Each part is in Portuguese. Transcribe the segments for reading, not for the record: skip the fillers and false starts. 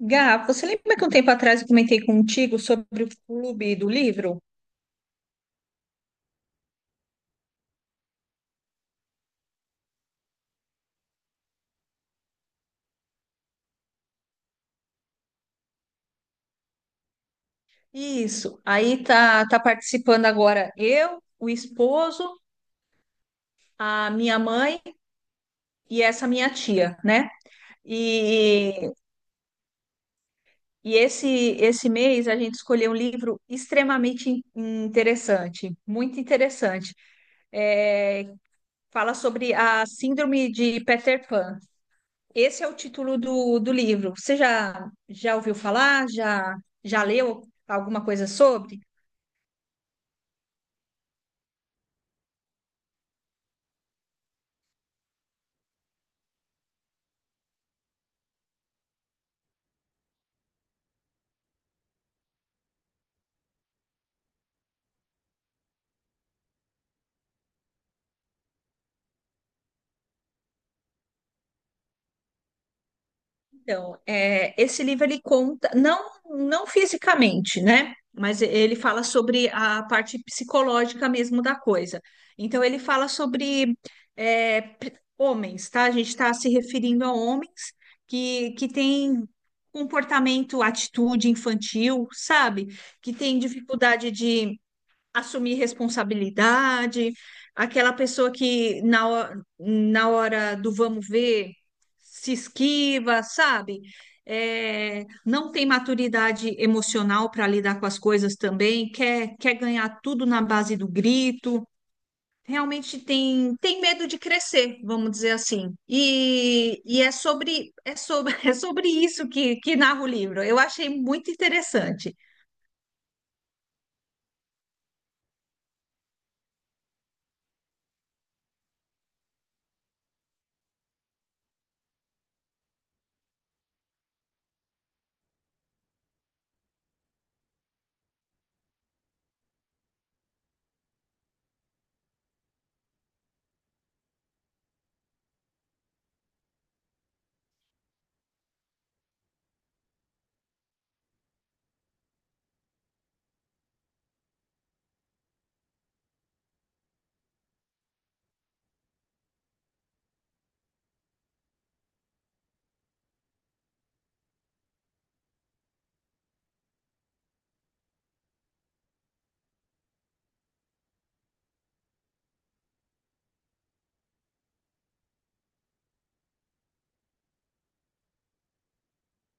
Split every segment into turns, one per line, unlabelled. Gá, você lembra que um tempo atrás eu comentei contigo sobre o clube do livro? Isso. Aí, tá participando agora eu, o esposo, a minha mãe e essa minha tia, né? E, e esse mês a gente escolheu um livro extremamente interessante, muito interessante. É, fala sobre a síndrome de Peter Pan. Esse é o título do livro. Você já ouviu falar? Já leu alguma coisa sobre? Então, é, esse livro ele conta, não, não fisicamente, né? Mas ele fala sobre a parte psicológica mesmo da coisa. Então, ele fala sobre homens, tá? A gente está se referindo a homens que têm comportamento, atitude infantil, sabe? Que têm dificuldade de assumir responsabilidade, aquela pessoa que na hora do vamos ver se esquiva, sabe? É, não tem maturidade emocional para lidar com as coisas também, quer ganhar tudo na base do grito. Realmente tem medo de crescer, vamos dizer assim. E é sobre isso que narra o livro. Eu achei muito interessante.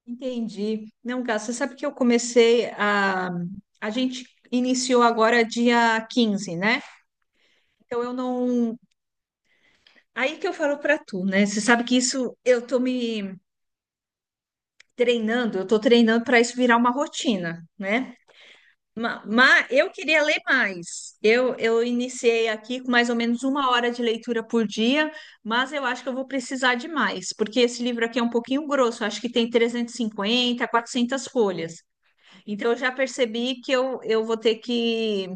Entendi. Não, Gá, você sabe que eu comecei a. A gente iniciou agora dia 15, né? Então eu não. Aí que eu falo para tu, né? Você sabe que isso eu tô treinando para isso virar uma rotina, né? Mas eu queria ler mais. Eu iniciei aqui com mais ou menos 1 hora de leitura por dia, mas eu acho que eu vou precisar de mais, porque esse livro aqui é um pouquinho grosso, acho que tem 350, 400 folhas. Então eu já percebi que eu vou ter que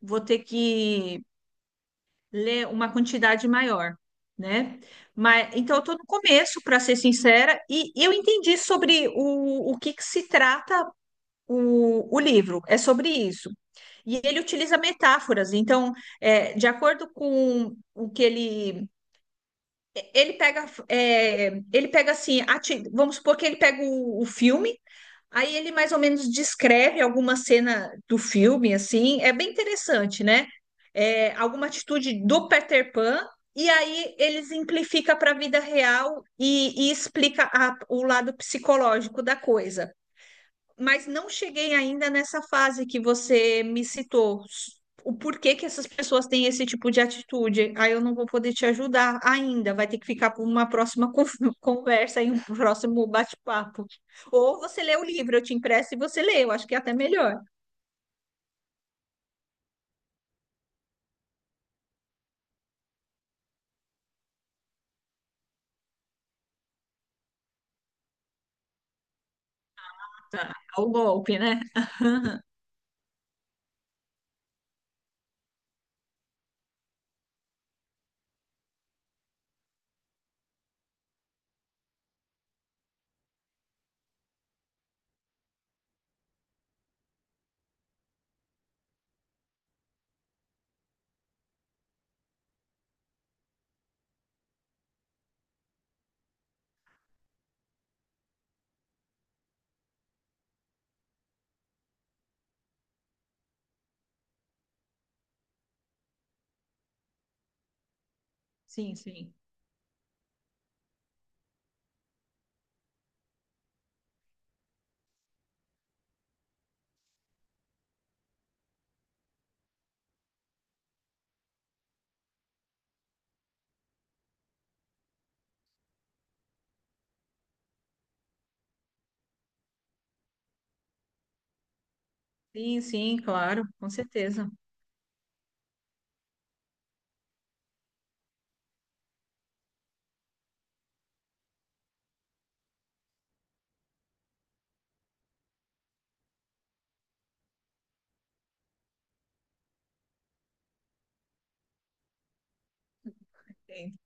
vou ter que ler uma quantidade maior, né? Mas então eu estou no começo, para ser sincera, e eu entendi sobre o que se trata o livro, é sobre isso. E ele utiliza metáforas, então, de acordo com o que ele pega, ele pega assim, vamos supor que ele pega o filme. Aí ele mais ou menos descreve alguma cena do filme, assim, é bem interessante, né? É, alguma atitude do Peter Pan, e aí ele simplifica para a vida real e explica o lado psicológico da coisa, mas não cheguei ainda nessa fase que você me citou. O porquê que essas pessoas têm esse tipo de atitude. Aí eu não vou poder te ajudar ainda. Vai ter que ficar para uma próxima conversa e um próximo bate-papo. Ou você lê o livro, eu te empresto e você lê. Eu acho que é até melhor. Ah, é o golpe, né? Sim, sim. Sim, sim, claro, com certeza. Sim,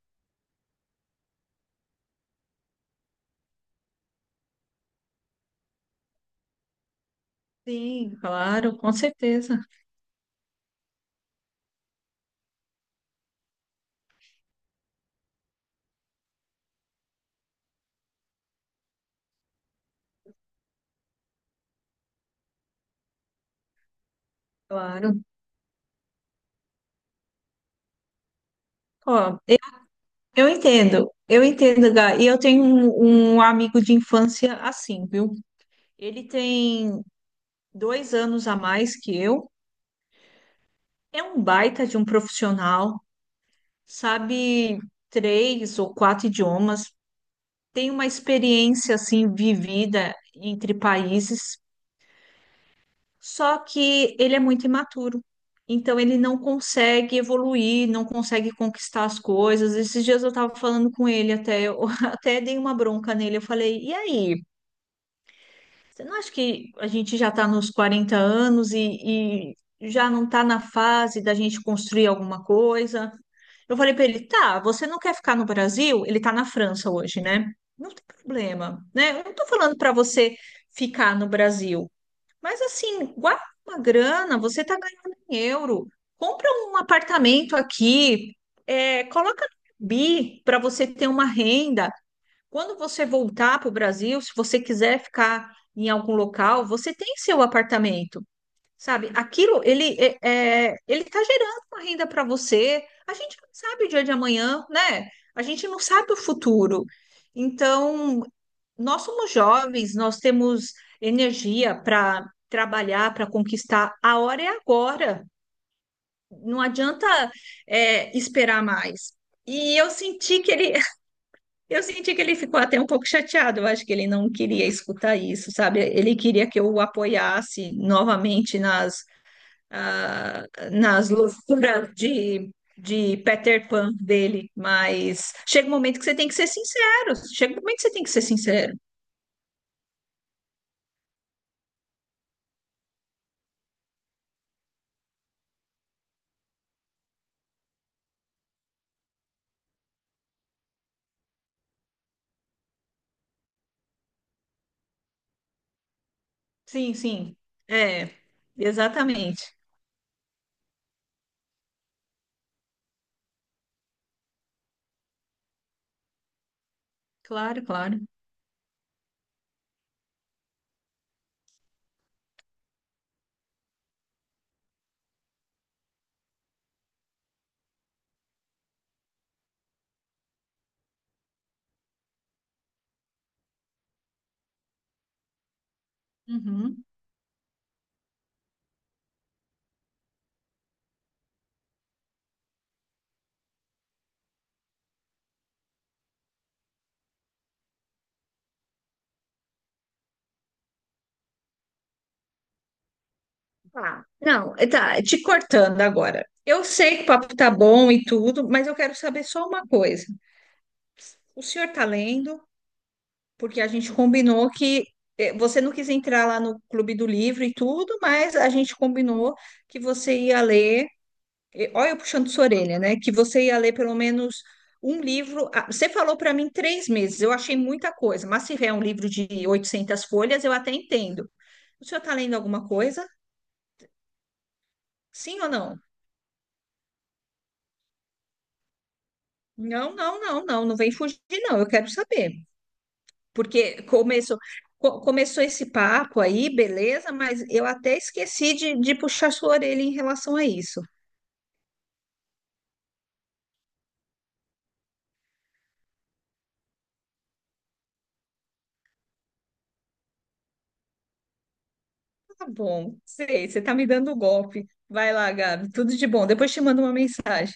sim, claro, com certeza. Claro. Ó, eu entendo, eu entendo, Gá. E eu tenho um amigo de infância assim, viu? Ele tem 2 anos a mais que eu, é um baita de um profissional, sabe três ou quatro idiomas, tem uma experiência assim vivida entre países, só que ele é muito imaturo. Então ele não consegue evoluir, não consegue conquistar as coisas. Esses dias eu estava falando com ele até, eu até dei uma bronca nele. Eu falei, e aí? Você não acha que a gente já está nos 40 anos e já não está na fase da gente construir alguma coisa? Eu falei para ele, tá, você não quer ficar no Brasil? Ele está na França hoje, né? Não tem problema, né? Eu não estou falando para você ficar no Brasil, mas assim, guarda uma grana, você está ganhando em euro, compra um apartamento aqui, coloca no Airbnb para você ter uma renda. Quando você voltar para o Brasil, se você quiser ficar em algum local, você tem seu apartamento, sabe? Aquilo, ele está gerando uma renda para você. A gente não sabe o dia de amanhã, né? A gente não sabe o futuro. Então, nós somos jovens, nós temos energia para trabalhar, para conquistar. A hora é agora. Não adianta, esperar mais. E eu senti que ele ficou até um pouco chateado. Eu acho que ele não queria escutar isso, sabe? Ele queria que eu o apoiasse novamente nas loucuras de Peter Pan dele. Mas chega um momento que você tem que ser sincero. Chega um momento que você tem que ser sincero. Sim, sim. É, exatamente. Claro, claro. Uhum. Tá. Não, tá, te cortando agora. Eu sei que o papo tá bom e tudo, mas eu quero saber só uma coisa. O senhor tá lendo? Porque a gente combinou que você não quis entrar lá no Clube do Livro e tudo, mas a gente combinou que você ia ler, olha eu puxando sua orelha, né? Que você ia ler pelo menos um livro. Você falou para mim 3 meses, eu achei muita coisa, mas se vier um livro de 800 folhas, eu até entendo. O senhor está lendo alguma coisa? Sim ou não? Não, não, não, não, não vem fugir, não, eu quero saber. Porque começou, começou esse papo aí, beleza, mas eu até esqueci de puxar sua orelha em relação a isso. Tá bom, sei, você tá me dando um golpe. Vai lá, Gabi, tudo de bom. Depois te mando uma mensagem.